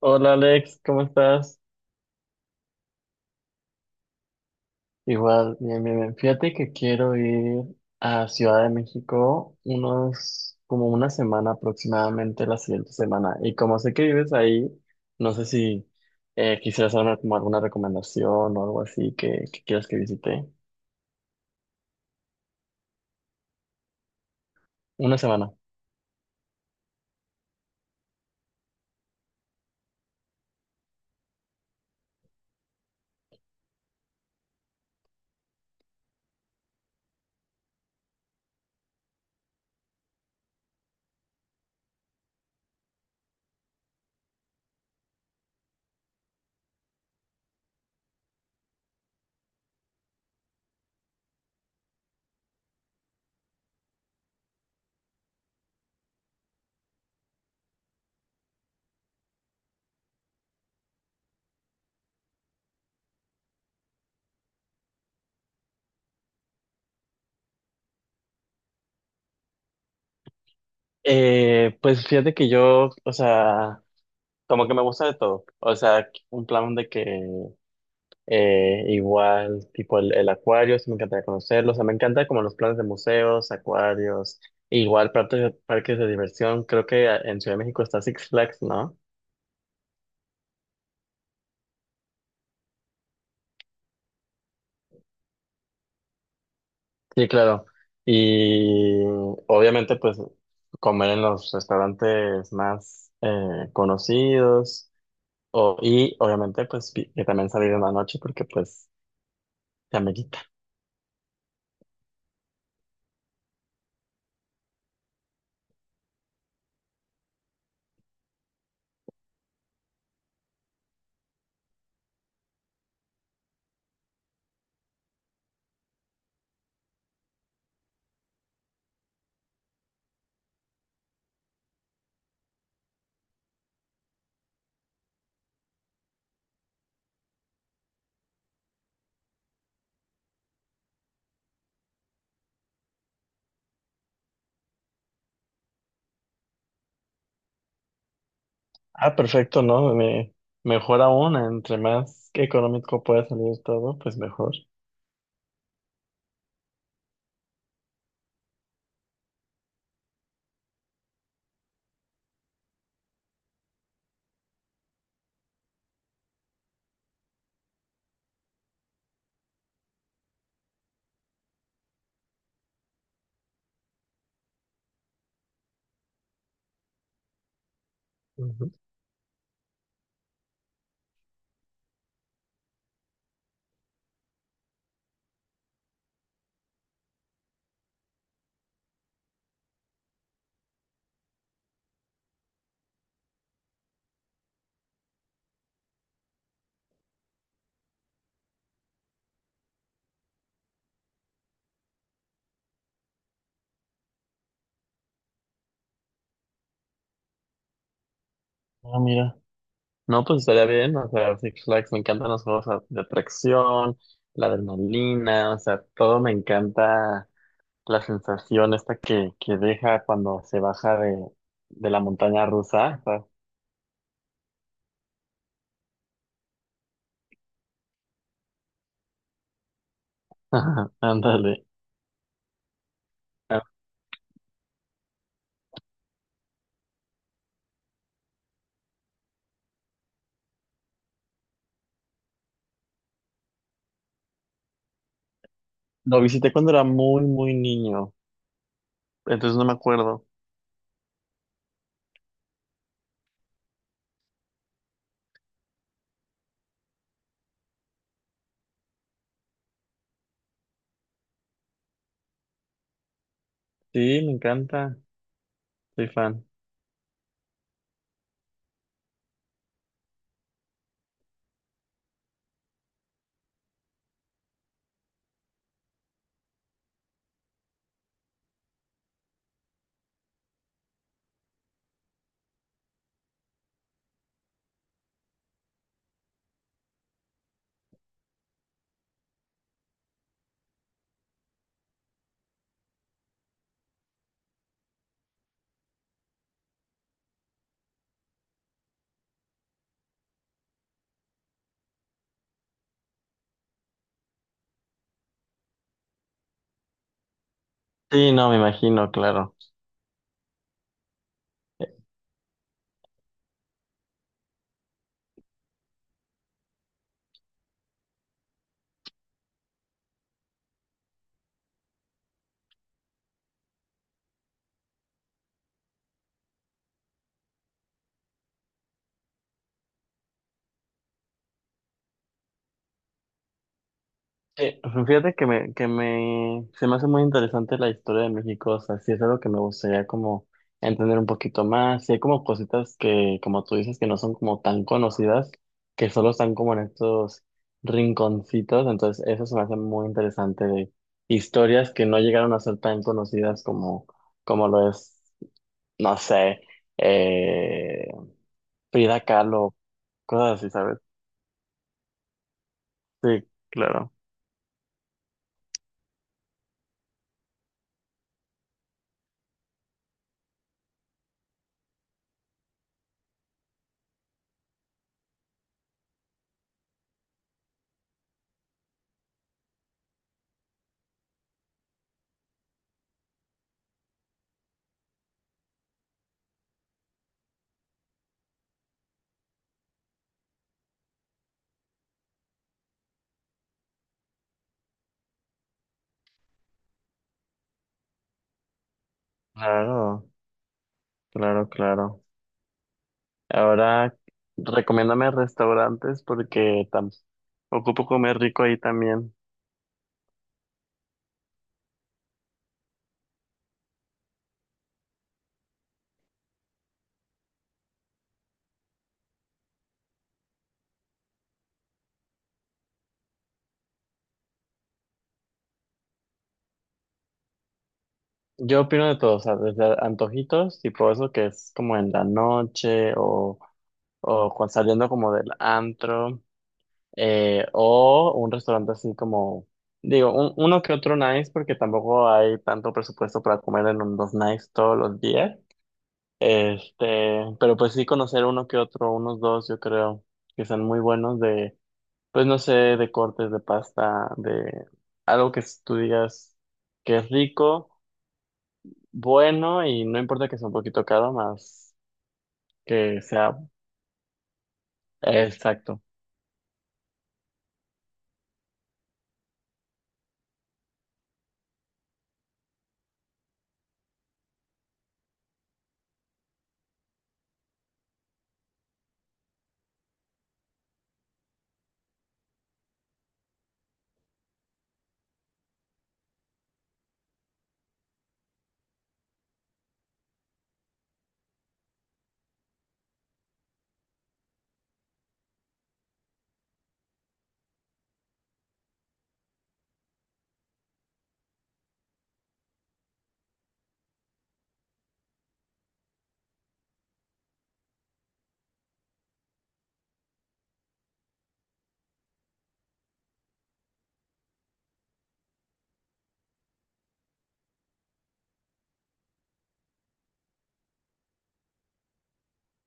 Hola Alex, ¿cómo estás? Igual, bien, bien, bien. Fíjate que quiero ir a Ciudad de México unos, como una semana aproximadamente la siguiente semana. Y como sé que vives ahí, no sé si quisieras darme como alguna recomendación o algo así que quieras que visite. Una semana. Pues fíjate que yo, o sea, como que me gusta de todo. O sea, un plan de que igual, tipo el acuario, sí me encantaría conocerlo. O sea, me encanta como los planes de museos, acuarios, igual partes, parques de diversión. Creo que en Ciudad de México está Six Flags, ¿no? Sí, claro. Y obviamente, pues, comer en los restaurantes más conocidos. O, y obviamente, pues, que también salir en la noche porque, pues, se amerita. Ah, perfecto, ¿no? Me, mejor aún, entre más económico pueda salir todo, pues mejor. Ujú. Ah, mira. No, pues estaría bien. O sea, Six Flags, me encantan los juegos de atracción, la adrenalina, o sea, todo me encanta la sensación esta que deja cuando se baja de la montaña rusa. O sea, ándale. Ah, lo visité cuando era muy, muy niño, entonces no me acuerdo. Sí, me encanta, soy fan. Sí, no, me imagino, claro. Eh, Fíjate que me, se me hace muy interesante la historia de México, o sea, sí es algo que me gustaría como entender un poquito más, sí hay como cositas que, como tú dices, que no son como tan conocidas, que solo están como en estos rinconcitos, entonces eso se me hace muy interesante de historias que no llegaron a ser tan conocidas como, como lo es, no sé, eh, Frida Kahlo, cosas así, ¿sabes? Sí, claro, claro, claro, claro. Ahora, recomiéndame restaurantes porque ocupo comer rico ahí también. Yo opino de todo, o sea, desde antojitos, tipo eso que es como en la noche o cuando saliendo como del antro, o un restaurante así como, digo, uno que otro nice porque tampoco hay tanto presupuesto para comer en los nice todos los días. Este, pero pues sí conocer uno que otro, unos dos, yo creo que son muy buenos. Pues no sé, de cortes de pasta, de algo que tú digas que es rico, bueno y no importa que sea un poquito caro, más que sea exacto.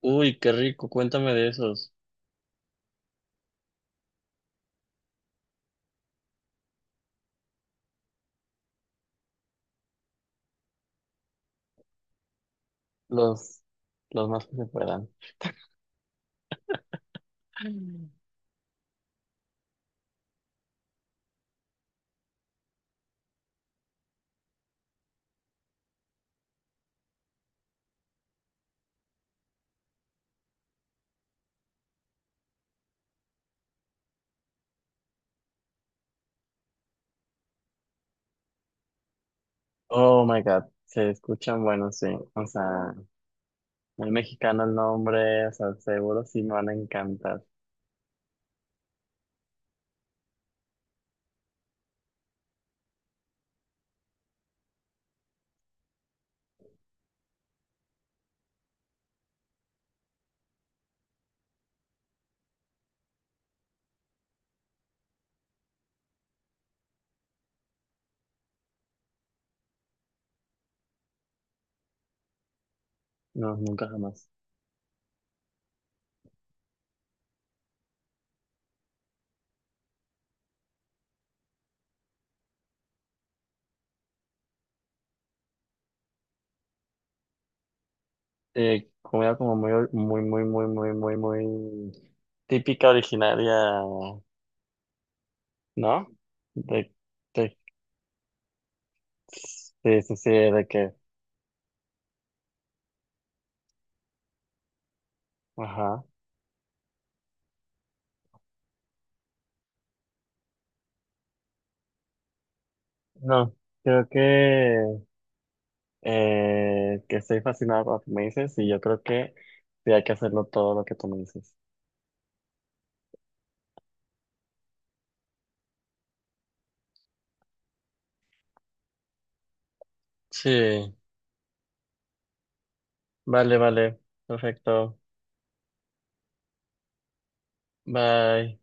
Uy, qué rico, cuéntame de esos, los, los más que se puedan. Mm. Oh my God, se escuchan buenos, sí. O sea, muy mexicano el nombre, o sea, seguro sí me van a encantar. No, nunca jamás. Comida como muy, muy, muy, muy, muy, muy, muy típica, originaria. ¿No? De, de, sí, sí, sí, de que, ajá. No, creo que estoy fascinado por lo que me dices y yo creo que sí hay que hacerlo todo lo que tú me dices. Sí, vale, vale, perfecto. Bye.